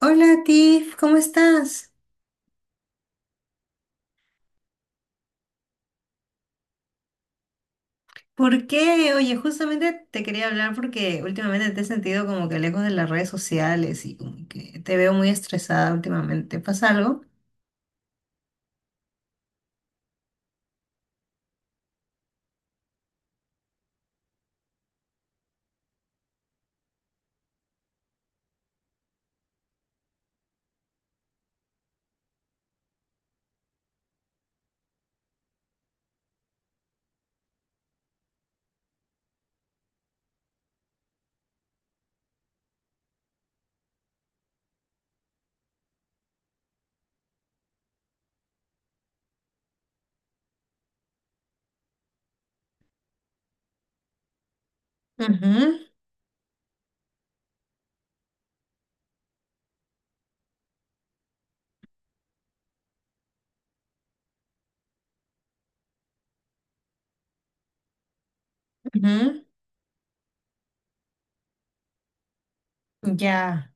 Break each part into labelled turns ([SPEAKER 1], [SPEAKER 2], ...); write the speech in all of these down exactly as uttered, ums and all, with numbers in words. [SPEAKER 1] Hola Tiff, ¿cómo estás? ¿Por qué? Oye, justamente te quería hablar porque últimamente te he sentido como que lejos de las redes sociales y como que te veo muy estresada últimamente. ¿Pasa algo? Ujú, ujú. Ya.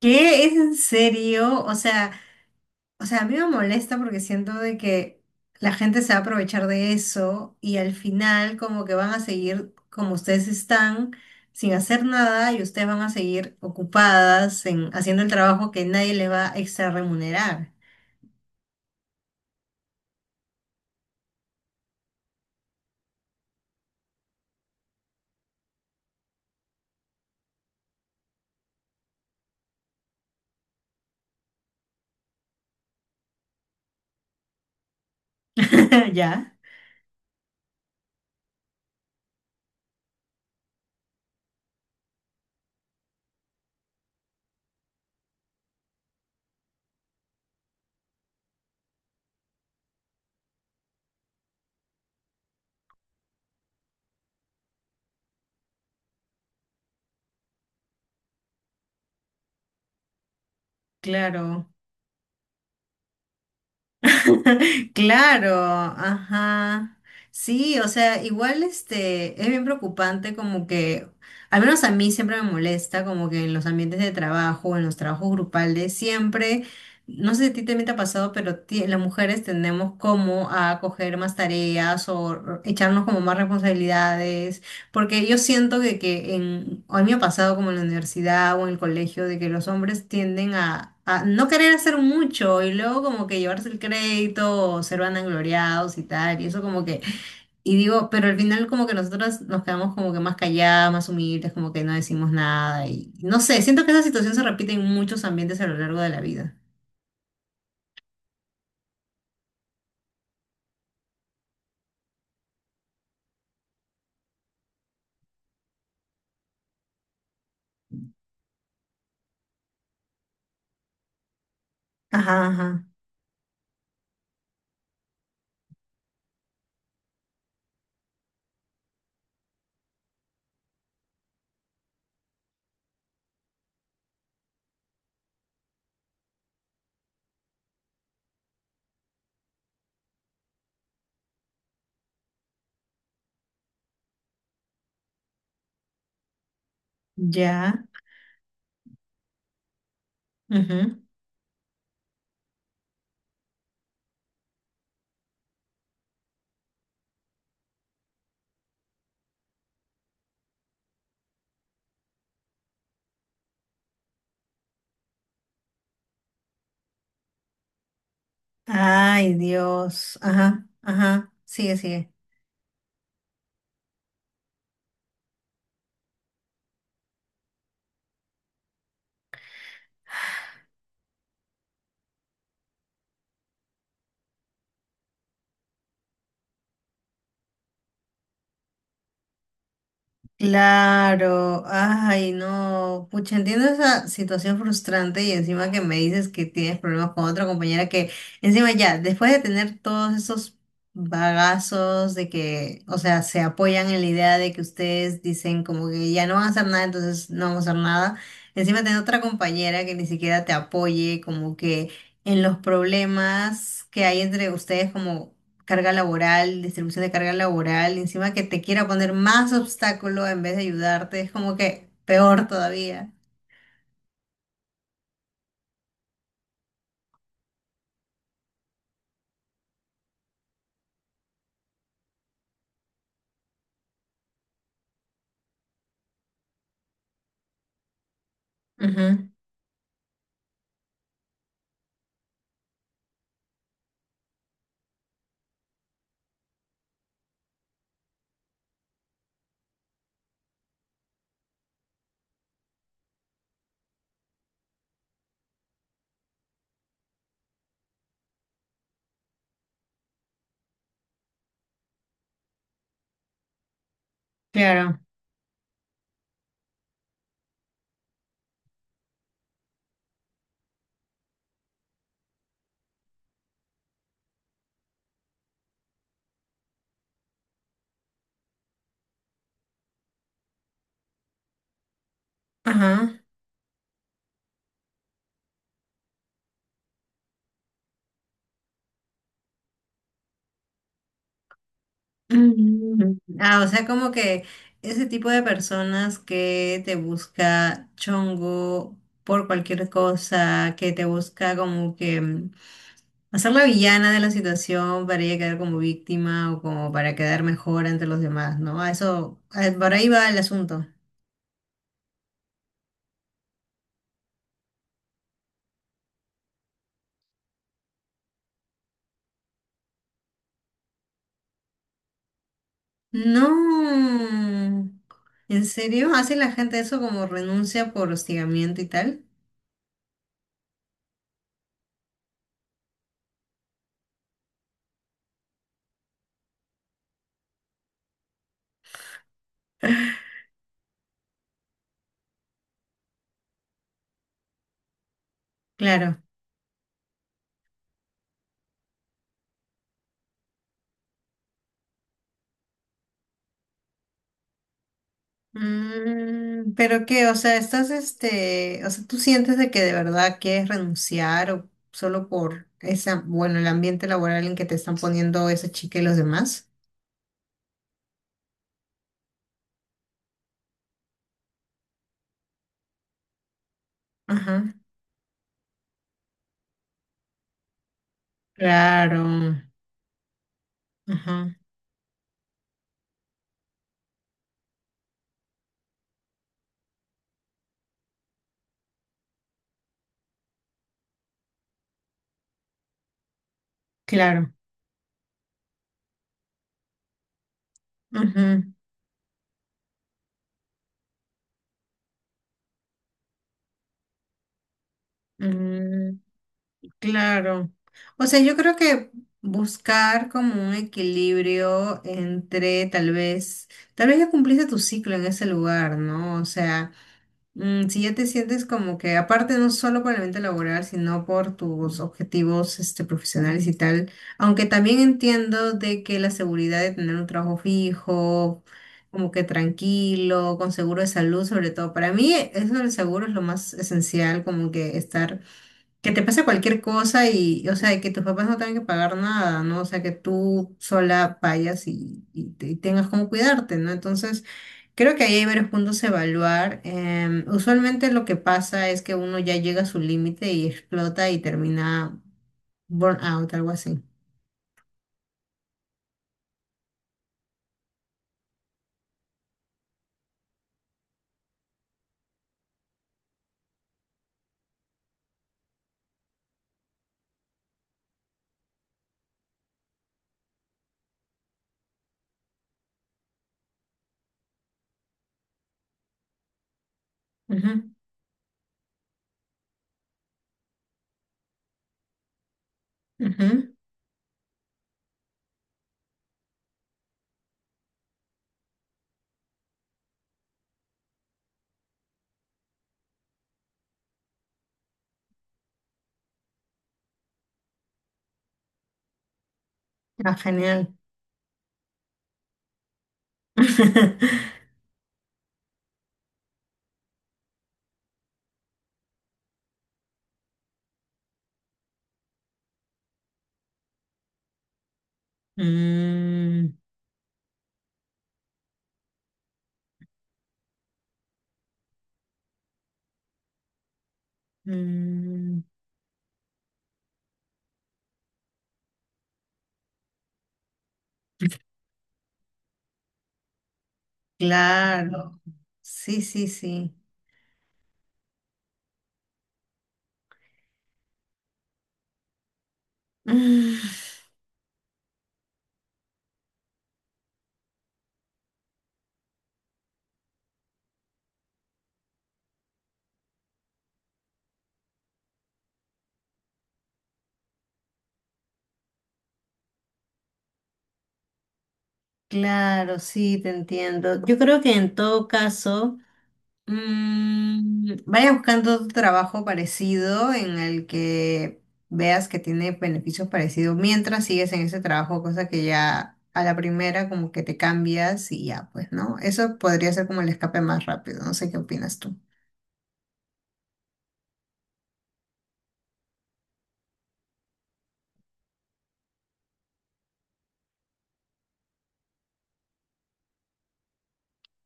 [SPEAKER 1] ¿Qué? ¿Es en serio? O sea... O sea, a mí me molesta porque siento de que la gente se va a aprovechar de eso y al final como que van a seguir como ustedes están sin hacer nada y ustedes van a seguir ocupadas en haciendo el trabajo que nadie les va a extra remunerar. Ya, claro. Claro, ajá. Sí, o sea, igual este es bien preocupante como que, al menos a mí siempre me molesta como que en los ambientes de trabajo, en los trabajos grupales, siempre, no sé si a ti también te ha pasado, pero ti- las mujeres tendemos como a coger más tareas o r- echarnos como más responsabilidades porque yo siento que, que en, a mí me ha pasado como en la universidad o en el colegio, de que los hombres tienden a, a no querer hacer mucho y luego como que llevarse el crédito o ser vanagloriados y tal, y eso como que, y digo, pero al final como que nosotras nos quedamos como que más calladas, más humildes, como que no decimos nada y no sé, siento que esa situación se repite en muchos ambientes a lo largo de la vida. Ajá, ajá, ya. Ujú. Ay, Dios. Ajá, ajá, sigue, sigue. Claro, ay, no, pucha, entiendo esa situación frustrante y encima que me dices que tienes problemas con otra compañera que encima ya, después de tener todos esos bagazos de que, o sea, se apoyan en la idea de que ustedes dicen como que ya no van a hacer nada, entonces no vamos a hacer nada, encima tener otra compañera que ni siquiera te apoye como que en los problemas que hay entre ustedes como carga laboral, distribución de carga laboral, y encima que te quiera poner más obstáculo en vez de ayudarte, es como que peor todavía. Ujú, claro. Ajá. Mm. Ah, o sea, como que ese tipo de personas que te busca chongo por cualquier cosa, que te busca como que mm, hacer la villana de la situación para ella quedar como víctima o como para quedar mejor ante los demás, ¿no? A eso, a- por ahí va el asunto. No. ¿En serio? ¿Hace la gente eso como renuncia por hostigamiento y tal? Claro. Mm, pero qué, o sea, estás este, o sea, tú sientes de que de verdad quieres renunciar o solo por esa, bueno, el ambiente laboral en que te están poniendo esa chica y los demás. Ajá. Claro. Ajá. Claro. Ajá. Claro. O sea, yo creo que buscar como un equilibrio entre tal vez, tal vez ya cumpliste tu ciclo en ese lugar, ¿no? O sea, mm, si ya te sientes como que aparte no solo por el ambiente laboral, sino por tus objetivos este, profesionales y tal, aunque también entiendo de que la seguridad de tener un trabajo fijo, como que tranquilo, con seguro de salud, sobre todo, para mí eso del seguro es lo más esencial, como que estar que te pase cualquier cosa y, o sea, que tus papás no tengan que pagar nada, ¿no? O sea, que tú sola vayas y, y te- y tengas cómo cuidarte, ¿no? Entonces, creo que ahí hay varios puntos a evaluar. Em, usualmente lo que pasa es que uno ya llega a su límite y explota y termina burnout, algo así. Ujú, ujú. Ah, genial. Mm, mm, claro. Sí, sí, sí. Claro, sí, te entiendo. Yo creo que en todo caso, mm, vaya buscando otro trabajo parecido en el que veas que tiene beneficios parecidos mientras sigues en ese trabajo, cosa que ya a la primera como que te cambias y ya, pues, ¿no? Eso podría ser como el escape más rápido. No sé qué opinas tú.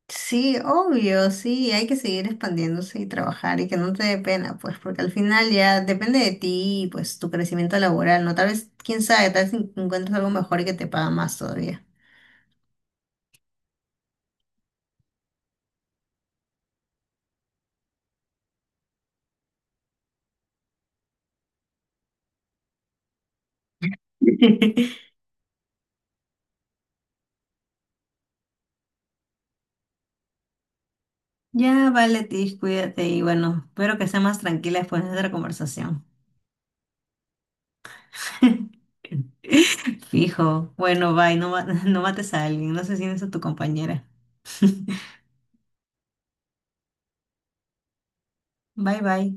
[SPEAKER 1] Sí, obvio, sí, hay que seguir expandiéndose y trabajar y que no te dé pena, pues, porque al final ya depende de ti y pues tu crecimiento laboral, ¿no? Tal vez, quién sabe, tal vez en- encuentres algo mejor y que te paga más todavía. Ya, vale, Tish, cuídate y bueno, espero que sea más tranquila después de nuestra conversación. Fijo, bueno, bye, no, ma- no mates a alguien, no asesines a tu compañera. Bye, bye.